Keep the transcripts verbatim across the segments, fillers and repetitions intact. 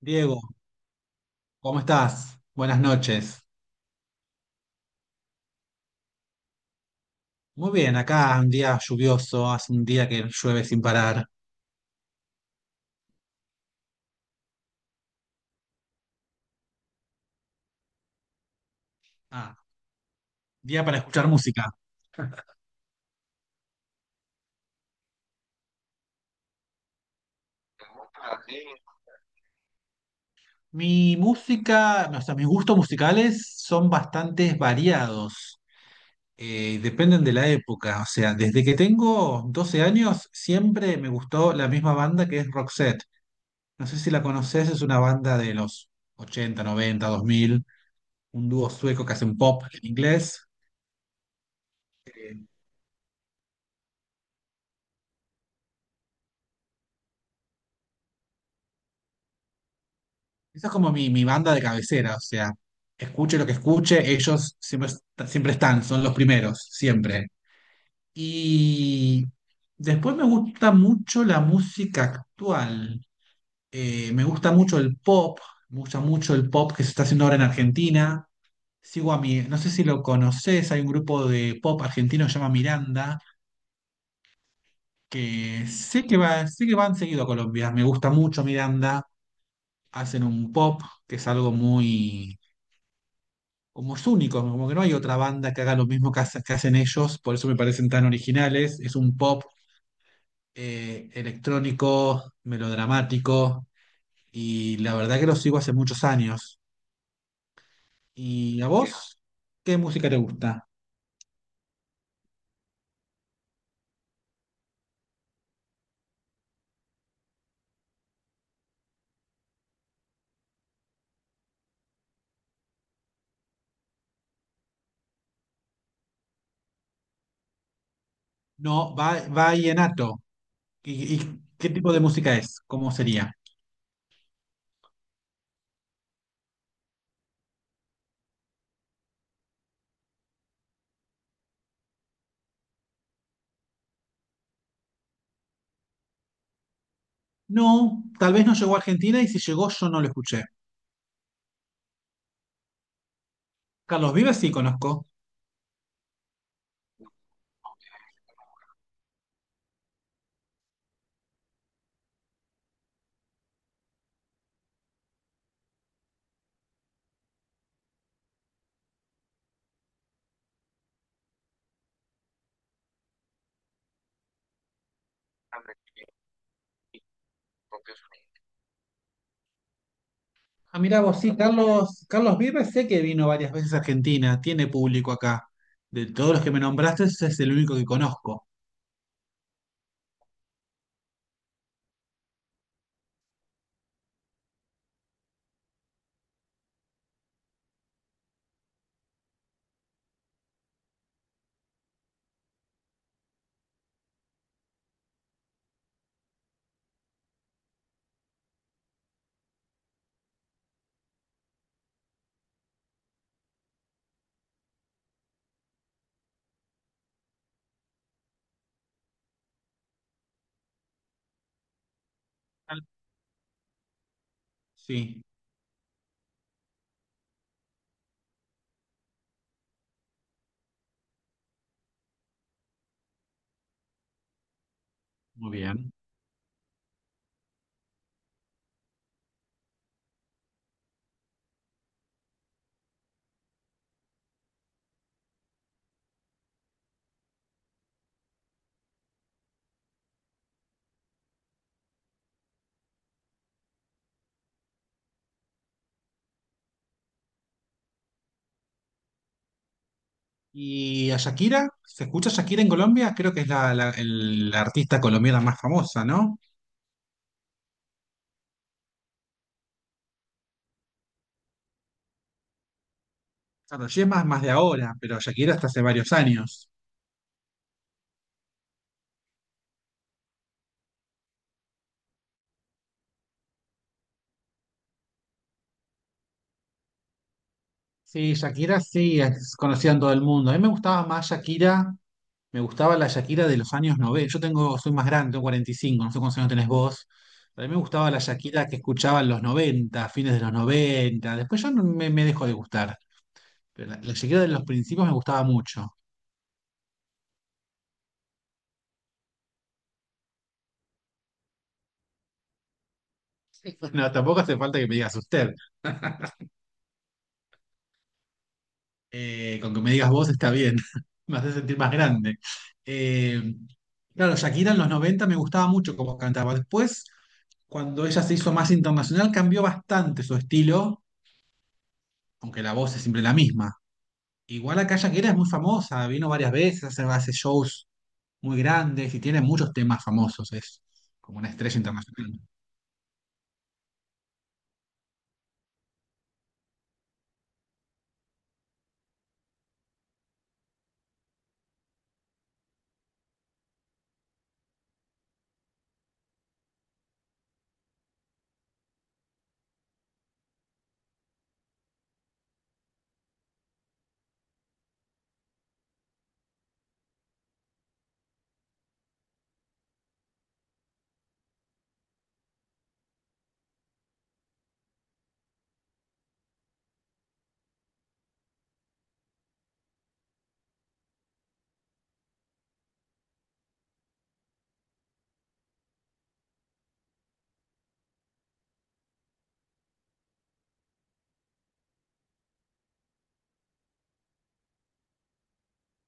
Diego, ¿cómo estás? Buenas noches. Muy bien, acá un día lluvioso, hace un día que llueve sin parar. Ah, día para escuchar música. Mi música, o sea, mis gustos musicales son bastante variados. Eh, dependen de la época. O sea, desde que tengo doce años siempre me gustó la misma banda, que es Roxette. No sé si la conoces, es una banda de los ochenta, noventa, dos mil. Un dúo sueco que hacen pop en inglés. eh, Esa es como mi, mi banda de cabecera, o sea, escuche lo que escuche, ellos siempre, est- siempre están, son los primeros, siempre. Y después me gusta mucho la música actual. Eh, me gusta mucho el pop, me gusta mucho el pop que se está haciendo ahora en Argentina. Sigo a mi, no sé si lo conoces, hay un grupo de pop argentino que se llama Miranda, que sé que va, sé que van seguido a Colombia, me gusta mucho Miranda, hacen un pop que es algo muy, como es único, como que no hay otra banda que haga lo mismo que, hace- que hacen ellos, por eso me parecen tan originales. Es un pop eh, electrónico, melodramático, y la verdad que lo sigo hace muchos años. ¿Y a vos? ¿Qué música te gusta? No, va, vallenato. ¿Y, y qué tipo de música es? ¿Cómo sería? No, tal vez no llegó a Argentina, y si llegó yo no lo escuché. Carlos Vives sí conozco. Ah, mira vos, sí, Carlos, Carlos Vives sé que vino varias veces a Argentina, tiene público acá. De todos los que me nombraste, ese es el único que conozco. Ah, sí, muy bien. ¿Y a Shakira? ¿Se escucha Shakira en Colombia? Creo que es la, la- el- la artista colombiana más famosa, ¿no? Claro, sí, es más, más de ahora, pero Shakira hasta hace varios años. Sí, Shakira sí es conocida en todo el mundo. A mí me gustaba más Shakira. Me gustaba la Shakira de los años noventa. Yo tengo, soy más grande, tengo cuarenta y cinco. No sé cuántos años tenés vos. Pero a mí me gustaba la Shakira que escuchaba en los noventa, fines de los noventa. Después yo no me, me dejó de gustar. Pero la, la Shakira de los principios me gustaba mucho. No, tampoco hace falta que me digas usted. Eh, con que me digas vos está bien. Me hace sentir más grande. Eh, claro, Shakira en los noventa me gustaba mucho cómo cantaba. Después, cuando ella se hizo más internacional, cambió bastante su estilo, aunque la voz es siempre la misma. Igual acá Shakira es muy famosa, vino varias veces, hace, hace shows muy grandes y tiene muchos temas famosos, es como una estrella internacional.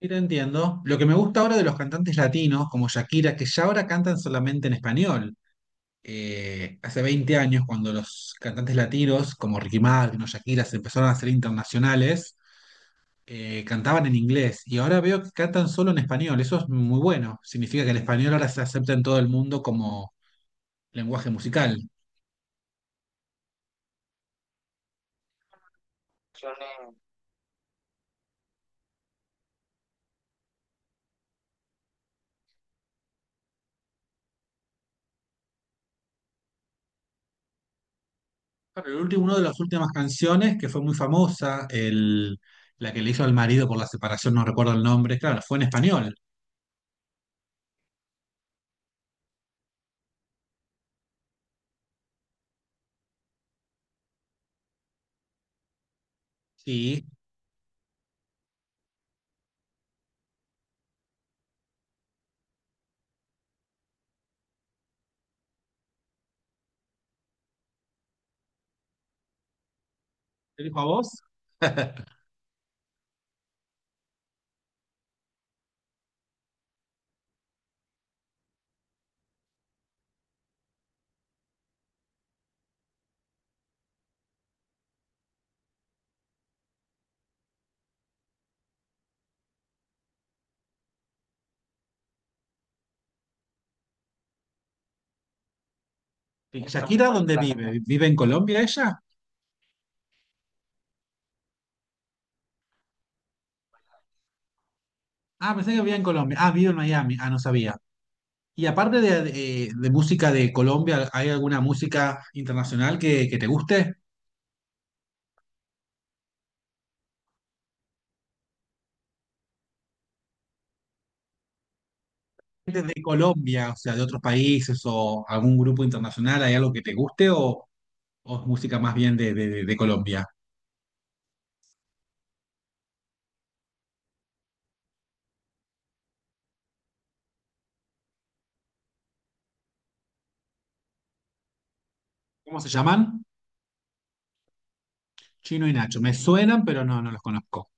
Y lo entiendo. Lo que me gusta ahora de los cantantes latinos, como Shakira, que ya ahora cantan solamente en español. Eh, hace veinte años, cuando los cantantes latinos, como Ricky Martin o Shakira, se empezaron a hacer internacionales, eh, cantaban en inglés. Y ahora veo que cantan solo en español. Eso es muy bueno. Significa que el español ahora se acepta en todo el mundo como lenguaje musical. Claro, el último, una de las últimas canciones que fue muy famosa, el, la que le hizo al marido por la separación, no recuerdo el nombre, claro, fue en español. Sí. ¿Te dijo a vos? ¿Shakira dónde vive? ¿Vive en Colombia ella? Ah, pensé que vivía en Colombia. Ah, vive en Miami. Ah, no sabía. Y aparte de, de- de música de Colombia, ¿hay alguna música internacional que, que te guste? Gente de Colombia, o sea, de otros países, o algún grupo internacional, ¿hay algo que te guste, o, o es música más bien de de- de Colombia? ¿Cómo se llaman? Chino y Nacho. Me suenan, pero no, no los conozco.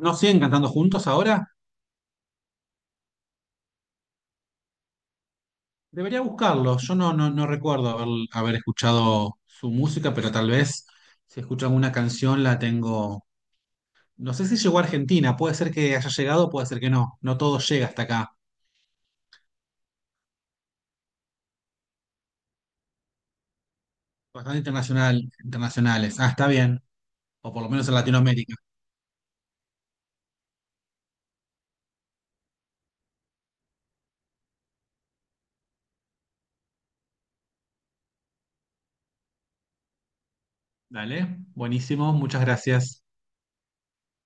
¿No siguen cantando juntos ahora? Debería buscarlos. Yo no, no, no recuerdo haber, haber escuchado su música, pero tal vez si escucho alguna canción la tengo. No sé si llegó a Argentina, puede ser que haya llegado, puede ser que no. No todo llega hasta acá. Bastante internacional, internacionales. Ah, está bien. O por lo menos en Latinoamérica. Dale, buenísimo, muchas gracias.